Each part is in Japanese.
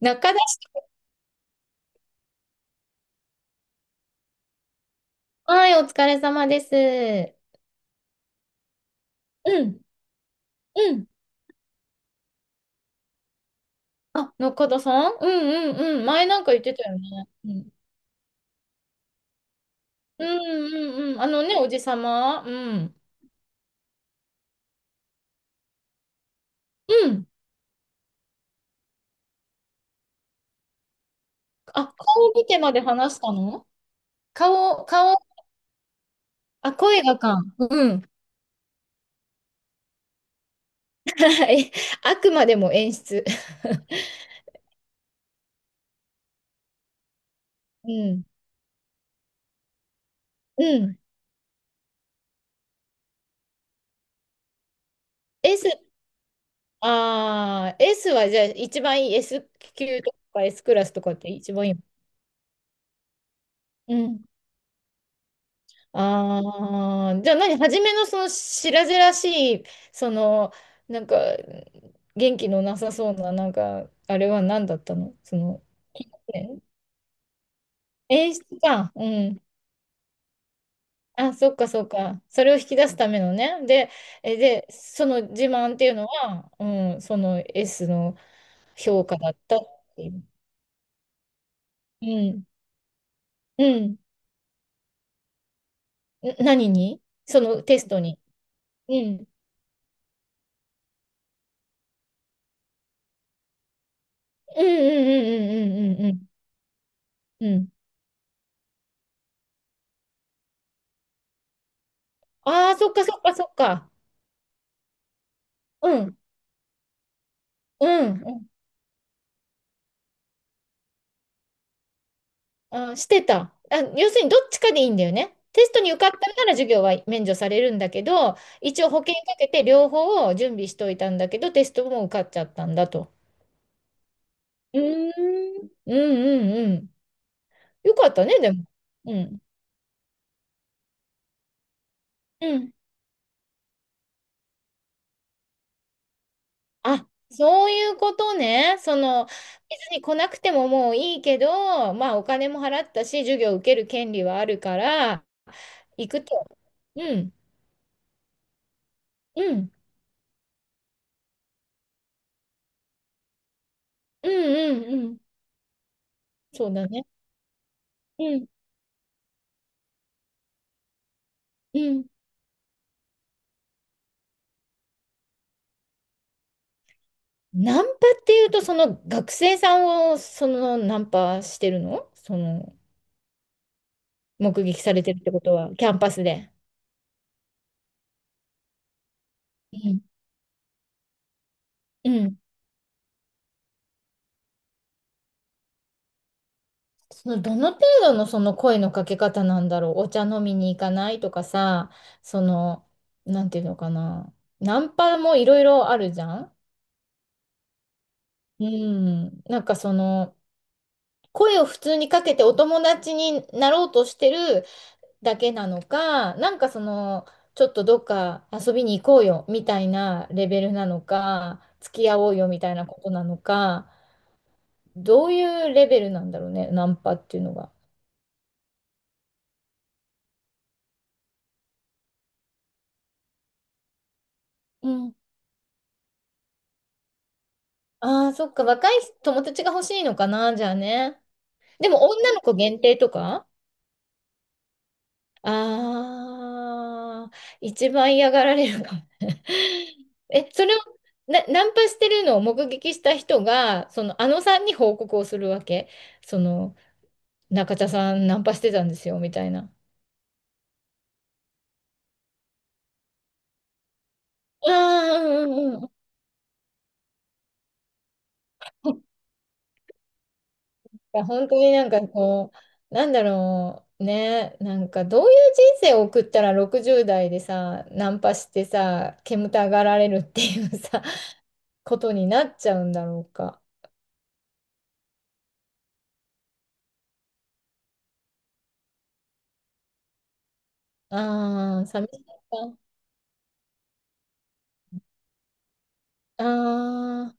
中田さん、はい、お疲れ様です。うん、うん。あ、中田さんうんうんうん。前なんか言ってたよね。うん、うんうんうん。あのね、おじさま。うん。うん。あ、顔見てまで話したの？顔、顔、あ、声がか。うん。はい。あくまでも演出。うん。うん。S、S はじゃあ一番いい S 級とか S クラスとかって一番いいの？うん。ああ、じゃあ何、初めのその白々しい、その、なんか、元気のなさそうな、なんか、あれは何だったのその、ね演出か。うん。あ、そっかそっか。それを引き出すためのね。で、え、で、その自慢っていうのは、うん、その S の評価だったっていう。うん。うん。ん何にそのテストに？うん。うんうんうんうんうんうんうん。うん。ああ、そっかそっかそっか。うん、うん、うん、あ、してた。あ、要するにどっちかでいいんだよね。テストに受かったら授業は免除されるんだけど、一応保険かけて両方を準備しといたんだけど、テストも受かっちゃったんだと。うーん、うんうんうん。よかったね、でも。うん。うん。あ、そういうことね。その、別に来なくてももういいけど、まあお金も払ったし、授業受ける権利はあるから、行くと。うん、うん、うん、うん、うん。そうだね。うん、うん。ナンパっていうと、その学生さんをそのナンパしてるのその目撃されてるってことは、キャンパスで。うんうん。そのどの程度のその声のかけ方なんだろう。お茶飲みに行かないとかさ、その、なんていうのかな。ナンパもいろいろあるじゃん。うん。なんかその、声を普通にかけてお友達になろうとしてるだけなのか、なんかその、ちょっとどっか遊びに行こうよみたいなレベルなのか、付き合おうよみたいなことなのか、どういうレベルなんだろうね、ナンパっていうのが。うん。ああ、そっか、若い友達が欲しいのかな、じゃあね。でも女の子限定とか、ああー、一番嫌がられるかもね。え、それをナンパしてるのを目撃した人が、その、あのさんに報告をするわけ。その、中田さんナンパしてたんですよ、みたいな。ああ、うんうんうん。本当になんかこう、なんだろう、ね、なんかどういう人生を送ったら60代でさ、ナンパしてさ、煙たがられるっていうさ、ことになっちゃうんだろうか。ああ、寂しかった。ああ、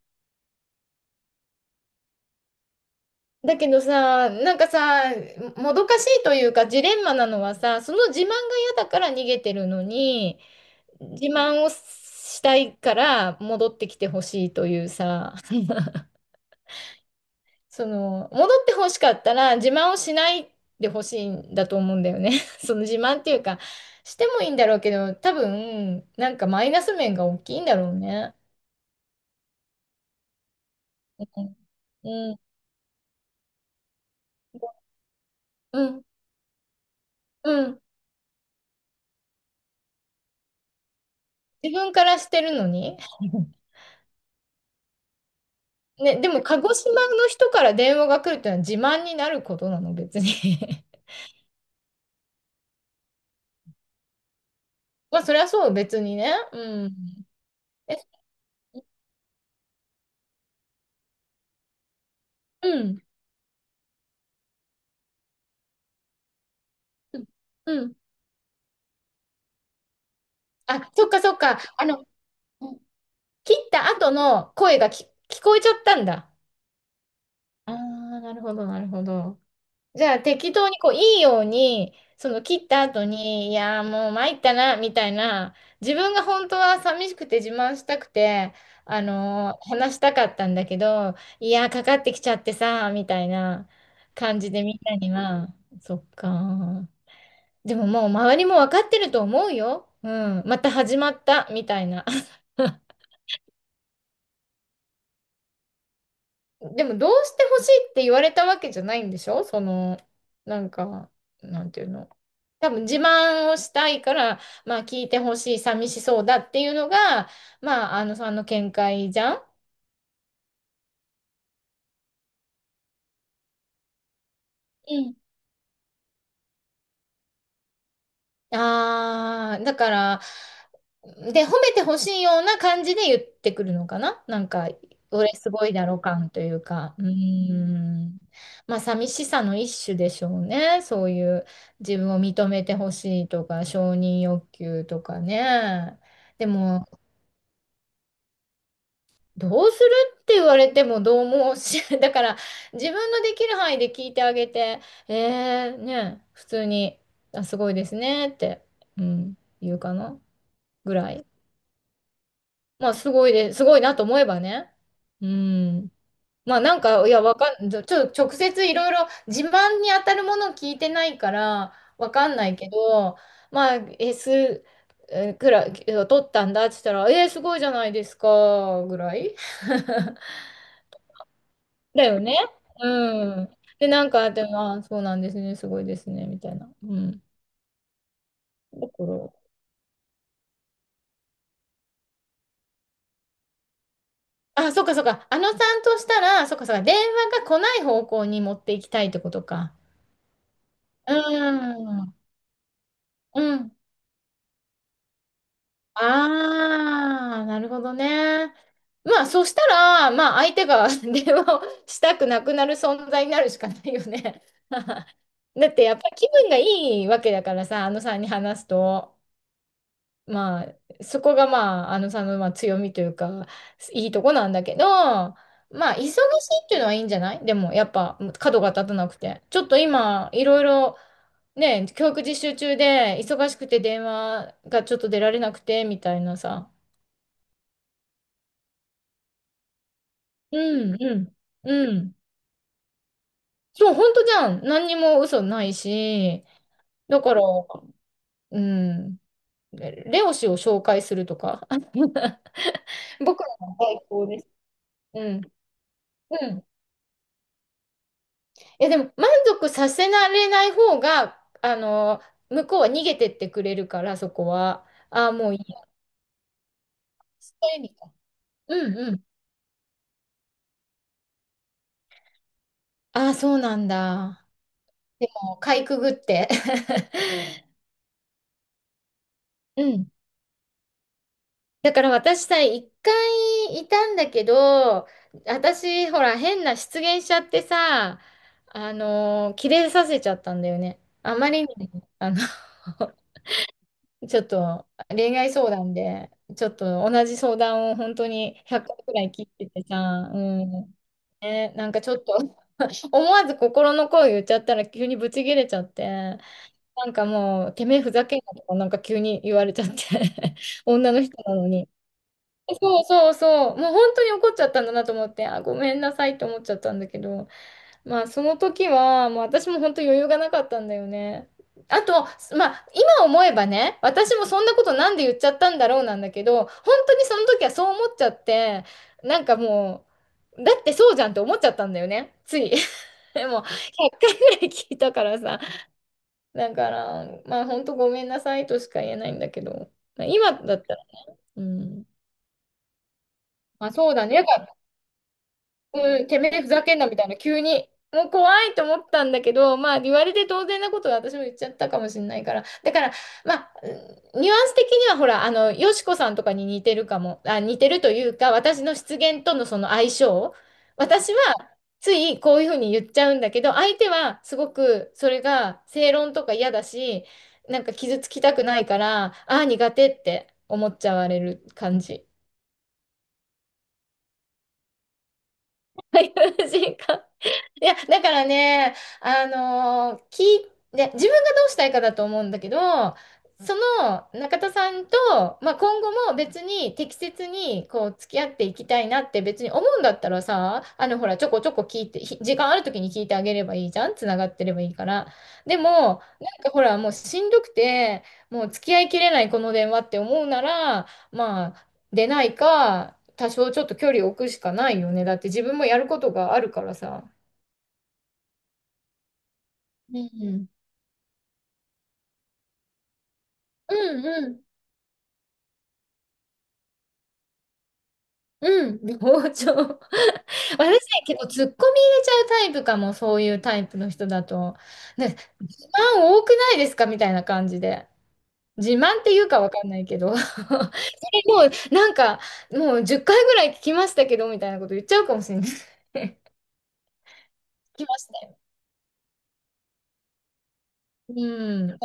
だけどさ、なんかさ、もどかしいというか、ジレンマなのはさ、その自慢が嫌だから逃げてるのに、自慢をしたいから戻ってきてほしいというさ、その、戻ってほしかったら自慢をしないでほしいんだと思うんだよね。その自慢っていうか、してもいいんだろうけど、多分、なんかマイナス面が大きいんだろうね。うん。うん。うん。自分からしてるのに。ね、でも鹿児島の人から電話が来るってのは自慢になることなの、別に？まあ、そりゃそう、別にね。うん。え、うん。うん。あ、そっかそっか。あの、切った後の声が聞こえちゃったんだ。ああ、なるほど、なるほど。じゃあ、適当にこう、いいように、その切った後に、いやーもう参ったな、みたいな、自分が本当は寂しくて自慢したくて、あのー話したかったんだけど、いやーかかってきちゃってさ、みたいな感じでみんなには、そっかー。でももう周りも分かってると思うよ。うん。また始まった、みたいな。でも、どうしてほしいって言われたわけじゃないんでしょその、なんか、なんていうの。多分自慢をしたいから、まあ聞いてほしい、寂しそうだっていうのが、まあ、あのさんの見解じゃん。うん。ああ、だから、で、褒めてほしいような感じで言ってくるのかななんか、俺すごいだろ感というか、うーん。まあ、寂しさの一種でしょうね。そういう自分を認めてほしいとか、承認欲求とかね。でも、どうするって言われてもどうもし、だから、自分のできる範囲で聞いてあげて、ね、普通に、あ、すごいですねって、うん、言うかな。ぐらい。まあ、すごいで、すごいなと思えばね。うん。まあ、なんか、いや、わかん、ちょ、ちょ直接いろいろ自慢に当たるものを聞いてないから、わかんないけど、まあ、S くらい、を取ったんだって言ったら、えー、すごいじゃないですか、ぐらい。だよね。うん。で、なんか、でも、あ、そうなんですね、すごいですね、みたいな。うん。だから、あ、そっかそっか。あのさんとしたら、そっかそっか。電話が来ない方向に持っていきたいってことか。うん。うん。ああ、なるほどね。まあ、そしたら、まあ、相手が 電話をしたくなくなる存在になるしかないよね。だって、やっぱり気分がいいわけだからさ、あのさんに話すと、まあ、そこがまあ、あのさんのまあ強みというか、いいとこなんだけど、まあ、忙しいっていうのはいいんじゃない？でも、やっぱ、角が立たなくて。ちょっと今、いろいろ、ね、教育実習中で忙しくて電話がちょっと出られなくてみたいなさ。うんうん。うん。そう、本当じゃん。何にも嘘ないし、だから、うん。レオ氏を紹介するとか。僕らの代行です。うん。うん。いや、でも満足させられない方が、あの、向こうは逃げてってくれるから、そこは。ああ、もういいや。そういう意味か。うんうん。ああ、そうなんだ。もうかいくぐって。うん。だから私さ、一回いたんだけど、私、ほら、変な失言しちゃってさ、あのー、キレさせちゃったんだよね。あまりに、あの ちょっと恋愛相談で、ちょっと同じ相談を本当に100回くらい切っててさ、うん。ね、なんかちょっと 思わず心の声言っちゃったら急にブチ切れちゃって、なんかもう、てめえふざけんなとか、なんか急に言われちゃって 女の人なのに。そうそうそう。もう本当に怒っちゃったんだなと思って、あ、ごめんなさいって思っちゃったんだけど、まあその時は、もう私も本当余裕がなかったんだよね。あと、まあ今思えばね、私もそんなことなんで言っちゃったんだろうなんだけど、本当にその時はそう思っちゃって、なんかもう、だってそうじゃんって思っちゃったんだよね、つい。でも10回ぐらい聞いたからさ、だから、まあ本当ごめんなさいとしか言えないんだけど、まあ今だったらね、うん、まあそうだね。うん、てめえふざけんなみたいな、急に。もう怖いと思ったんだけど、まあ言われて当然なことは私も言っちゃったかもしれないから。だから、まあ、うんニュアンス的にはほら、あの、よしこさんとかに似てるかも、あ、似てるというか、私の失言とのその相性。私はついこういうふうに言っちゃうんだけど、相手はすごくそれが正論とか嫌だし、なんか傷つきたくないから、ああ、苦手って思っちゃわれる感じ。はい、感じ、いや、だからね、あのー、ね自分がどうしたいかだと思うんだけど、その中田さんと、まあ、今後も別に適切にこう付き合っていきたいなって別に思うんだったらさ、あのほらちょこちょこ聞いて、時間ある時に聞いてあげればいいじゃん、つながってればいいから。でも、なんかほらもうしんどくて、もう付き合いきれないこの電話って思うなら、まあ出ないか、多少ちょっと距離を置くしかないよね。だって自分もやることがあるからさ。うん。うんうん。うん。包丁。私ね、結構ツッコミ入れちゃうタイプかも、そういうタイプの人だと。ね、自慢多くないですかみたいな感じで。自慢っていうかわかんないけど。それもう、なんか、もう10回ぐらい聞きましたけど、みたいなこと言っちゃうかもしれない。聞きましたよ。うん。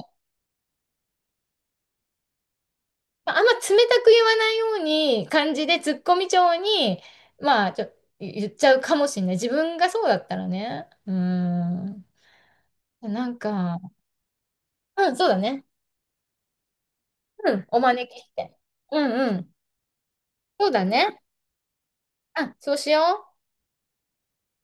まああんま冷たく言わないように、感じでツッコミ調に、まあ、言っちゃうかもしれない。自分がそうだったらね。うん。なんか、うん、そうだね。うん、お招きして。うんうん。そうだね。あ、そうしよう。